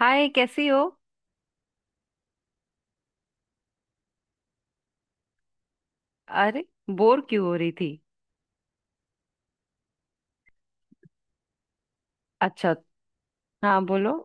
हाय, कैसी हो? अरे, बोर क्यों हो रही थी? अच्छा। हाँ, बोलो।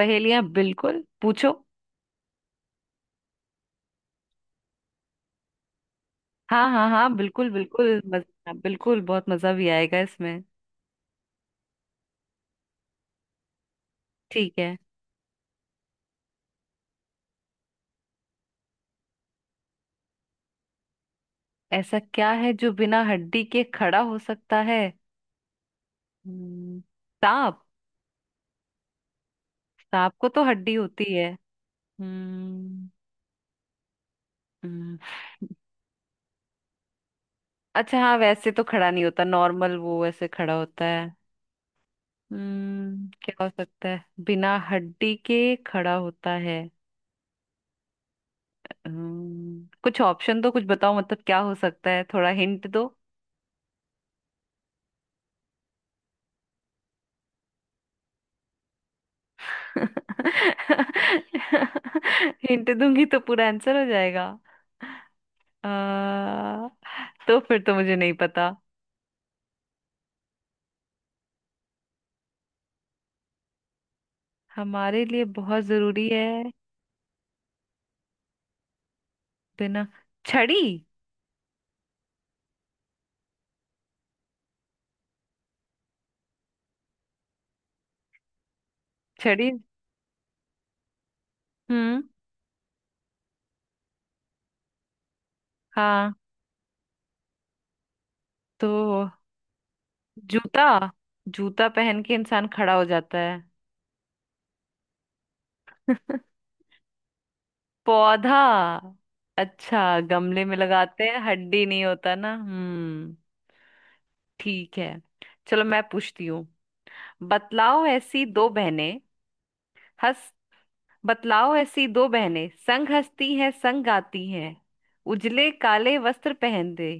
पहेलियां बिल्कुल पूछो। हाँ हाँ हाँ, बिल्कुल बिल्कुल हाँ, बिल्कुल बहुत मजा भी आएगा इसमें। ठीक है। ऐसा क्या है जो बिना हड्डी के खड़ा हो सकता है? हम्म, सांप। सांप को तो हड्डी होती है। हम्म हम्म, अच्छा हाँ, वैसे तो खड़ा नहीं होता नॉर्मल, वो ऐसे खड़ा होता है। क्या हो सकता है बिना हड्डी के खड़ा होता है? कुछ ऑप्शन दो, कुछ बताओ, मतलब क्या हो सकता है, थोड़ा हिंट दो। हिंट दूंगी तो पूरा आंसर हो जाएगा। आ, तो फिर तो मुझे नहीं पता। हमारे लिए बहुत जरूरी है? बिना छड़ी। छड़ी। हम्म हाँ, तो जूता, जूता पहन के इंसान खड़ा हो जाता है। पौधा। अच्छा, गमले में लगाते हैं, हड्डी नहीं होता ना। ठीक है। चलो मैं पूछती हूँ। बतलाओ ऐसी दो बहनें, हंस, बतलाओ ऐसी दो बहनें संग हंसती हैं, संग गाती हैं, उजले काले वस्त्र पहनते,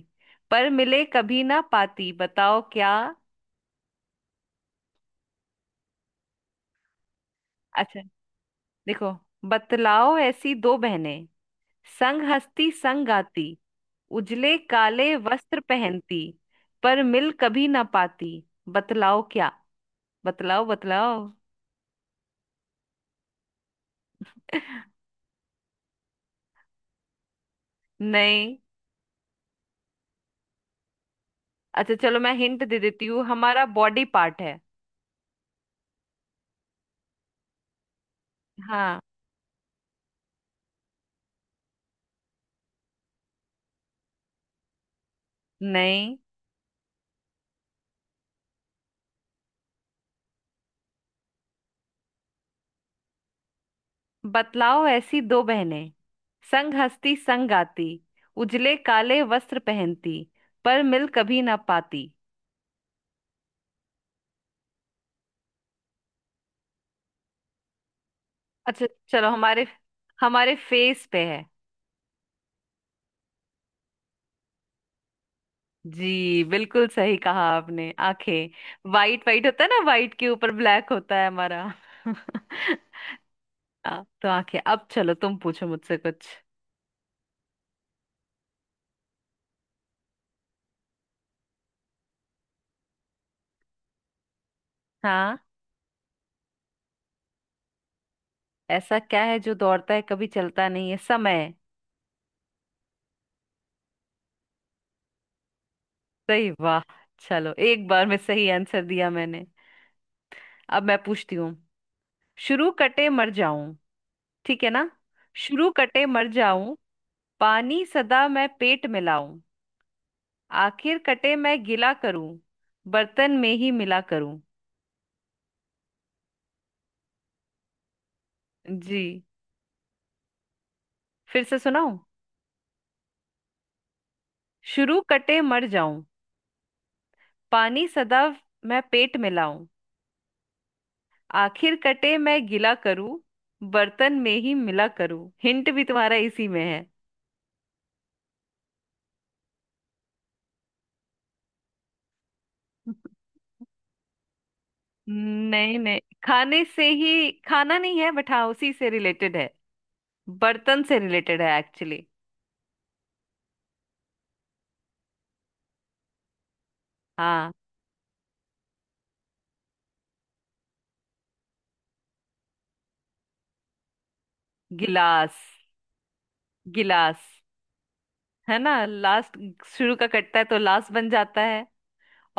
पर मिले कभी ना पाती। बताओ क्या? अच्छा, देखो, बतलाओ ऐसी दो बहनें, संग हंसती संग गाती, उजले काले वस्त्र पहनती, पर मिल कभी ना पाती। बतलाओ क्या? बतलाओ बतलाओ। नहीं। अच्छा चलो, मैं हिंट दे देती हूँ, हमारा बॉडी पार्ट है। हाँ। नहीं। बतलाओ ऐसी दो बहनें, संग हंसती संग गाती, उजले काले वस्त्र पहनती, पर मिल कभी ना पाती। अच्छा चलो, हमारे हमारे फेस पे है। जी बिल्कुल सही कहा आपने, आंखें। वाइट वाइट होता है ना, वाइट के ऊपर ब्लैक होता है हमारा। हाँ, तो आंखें। अब चलो, तुम पूछो मुझसे कुछ। हाँ। ऐसा क्या है जो दौड़ता है कभी चलता नहीं है? समय। सही, वाह, चलो, एक बार में सही आंसर दिया मैंने। अब मैं पूछती हूँ। शुरू कटे मर जाऊं, ठीक है ना? शुरू कटे मर जाऊं, पानी सदा मैं पेट मिलाऊं, आखिर कटे मैं गिला करूं, बर्तन में ही मिला करूं। जी, फिर से सुनाऊं। शुरू कटे मर जाऊं, पानी सदा मैं पेट मिलाऊं, आखिर कटे मैं गिला करूं, बर्तन में ही मिला करूं। हिंट भी तुम्हारा इसी में है। नहीं नहीं, खाने से ही खाना नहीं है, बट हाँ उसी से रिलेटेड है। बर्तन से रिलेटेड है एक्चुअली। हाँ। गिलास। गिलास, है ना? लास्ट, शुरू का कटता है तो लास्ट बन जाता है,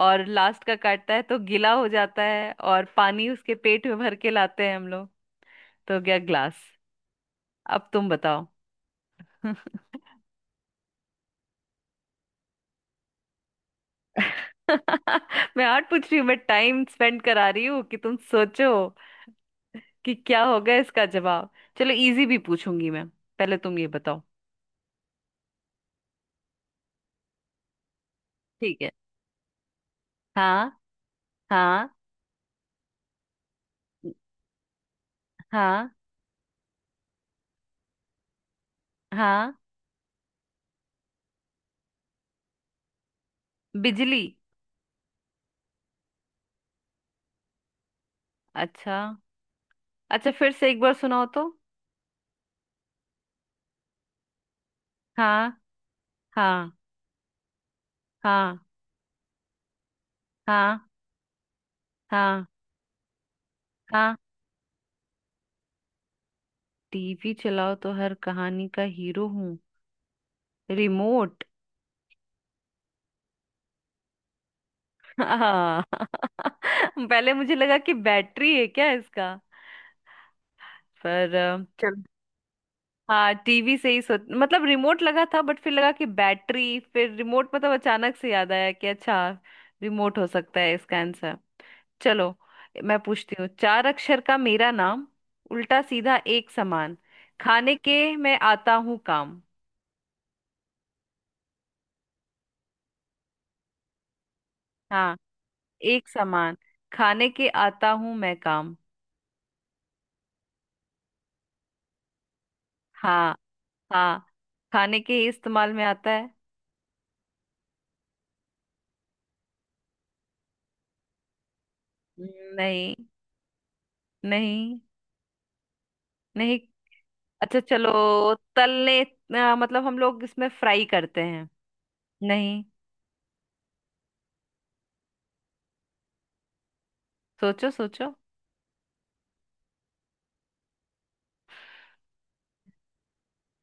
और लास्ट का काटता है तो गीला हो जाता है, और पानी उसके पेट में भर के लाते हैं हम लोग। तो हो गया ग्लास। अब तुम बताओ। मैं आर्ट पूछ रही हूँ, मैं टाइम स्पेंड करा रही हूँ कि तुम सोचो कि क्या होगा इसका जवाब। चलो, इजी भी पूछूंगी मैं, पहले तुम ये बताओ। ठीक है। हाँ। हाँ। हाँ। हाँ। बिजली। अच्छा, अच्छा फिर से एक बार सुनाओ तो। हाँ। हाँ। हाँ। हाँ। हाँ। हाँ। टीवी चलाओ तो हर कहानी का हीरो हूँ। रिमोट। हाँ। पहले मुझे लगा कि बैटरी है क्या इसका, पर चल। हाँ, टीवी से ही सोच मतलब, रिमोट लगा था बट फिर लगा कि बैटरी, फिर रिमोट मतलब अचानक से याद आया कि अच्छा, रिमोट हो सकता है इसका आंसर। चलो, मैं पूछती हूँ, चार अक्षर का मेरा नाम, उल्टा सीधा एक समान, खाने के मैं आता हूँ काम। हाँ, एक समान, खाने के आता हूँ मैं काम। हाँ। हाँ, खाने के ही इस्तेमाल में आता है। नहीं। नहीं। नहीं। अच्छा चलो, तलने, मतलब हम लोग इसमें फ्राई करते हैं। नहीं। सोचो सोचो।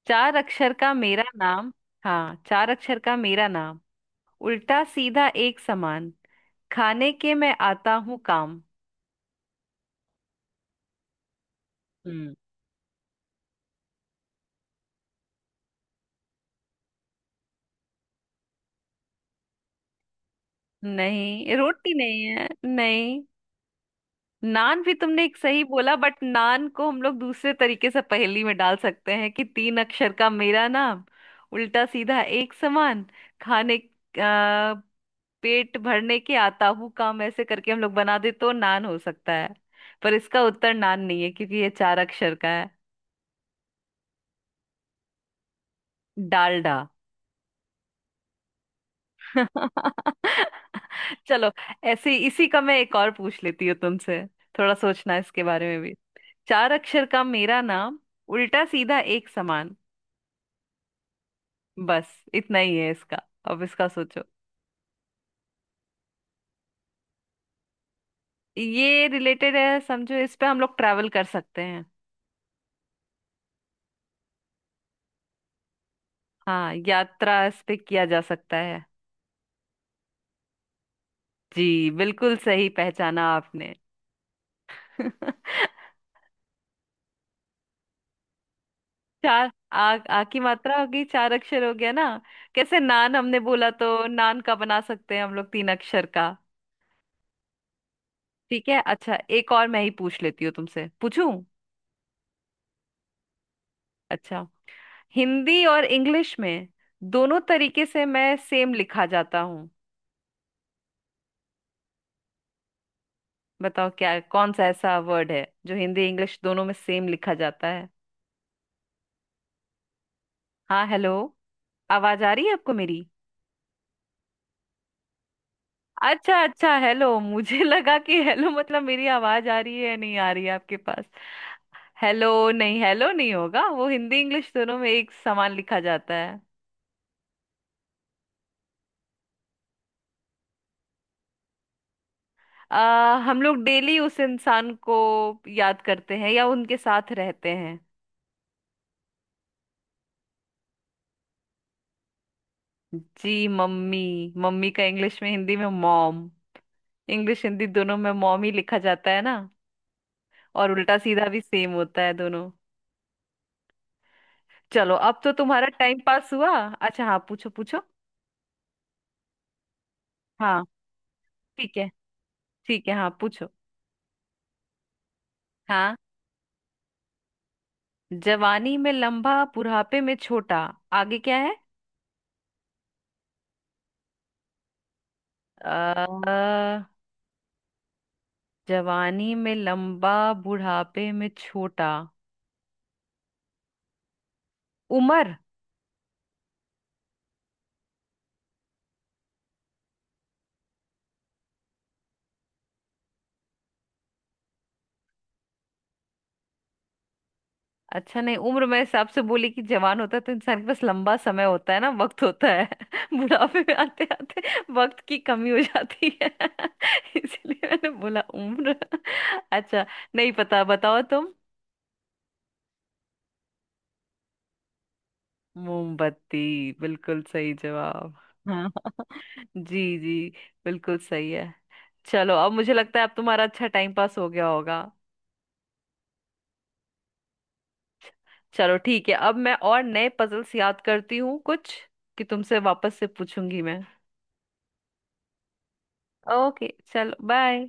चार अक्षर का मेरा नाम, हाँ, चार अक्षर का मेरा नाम, उल्टा सीधा एक समान, खाने के मैं आता हूँ काम। हम्म नहीं, रोटी नहीं है। नहीं, नान भी तुमने एक सही बोला, बट नान को हम लोग दूसरे तरीके से पहेली में डाल सकते हैं कि तीन अक्षर का मेरा नाम, उल्टा सीधा एक समान, खाने, आ, पेट भरने के आता हूँ काम, ऐसे करके हम लोग बना दे तो नान हो सकता है। पर इसका उत्तर नान नहीं है क्योंकि ये चार अक्षर का है। डालडा। चलो, ऐसे इसी का मैं एक और पूछ लेती हूँ तुमसे, थोड़ा सोचना इसके बारे में भी। चार अक्षर का मेरा नाम, उल्टा सीधा एक समान। बस इतना ही है इसका। अब इसका सोचो। ये रिलेटेड है, समझो इस पे हम लोग ट्रैवल कर सकते हैं। हाँ, यात्रा इस पे किया जा सकता है। जी, बिल्कुल सही पहचाना आपने। चार आ, आ की मात्रा होगी, चार अक्षर हो गया ना। कैसे नान हमने बोला, तो नान का बना सकते हैं हम लोग तीन अक्षर का। ठीक है। अच्छा, एक और मैं ही पूछ लेती हूँ तुमसे, पूछूं? अच्छा, हिंदी और इंग्लिश में दोनों तरीके से मैं सेम लिखा जाता हूँ। बताओ क्या, कौन सा ऐसा वर्ड है जो हिंदी इंग्लिश दोनों में सेम लिखा जाता है? हाँ, हेलो। आवाज आ रही है आपको मेरी? अच्छा अच्छा, हेलो। मुझे लगा कि हेलो मतलब मेरी आवाज आ रही है या नहीं आ रही है आपके पास। हेलो नहीं, हेलो नहीं होगा वो। हिंदी इंग्लिश दोनों में एक समान लिखा जाता है। हम लोग डेली उस इंसान को याद करते हैं या उनके साथ रहते हैं। जी, मम्मी। मम्मी का इंग्लिश में, हिंदी में मॉम, इंग्लिश हिंदी दोनों में मॉम ही लिखा जाता है ना, और उल्टा सीधा भी सेम होता है दोनों। चलो, अब तो तुम्हारा टाइम पास हुआ। अच्छा हाँ, पूछो पूछो। हाँ। ठीक है। ठीक है, हाँ पूछो। हाँ। जवानी में लंबा, बुढ़ापे में छोटा, आगे क्या है? अ जवानी में लंबा, बुढ़ापे में छोटा, उम्र। अच्छा नहीं, उम्र में हिसाब से बोली कि जवान होता है तो इंसान के पास लंबा समय होता है ना, वक्त होता है, बुढ़ापे में आते आते वक्त की कमी हो जाती है। इसलिए मैंने बोला उम्र। अच्छा, नहीं पता, बताओ तुम। मोमबत्ती। बिल्कुल सही जवाब। हाँ, जी जी, बिल्कुल सही है। चलो, अब मुझे लगता है अब तुम्हारा अच्छा टाइम पास हो गया होगा। चलो ठीक है, अब मैं और नए पजल्स याद करती हूँ कुछ, कि तुमसे वापस से पूछूंगी मैं। ओके चलो, बाय।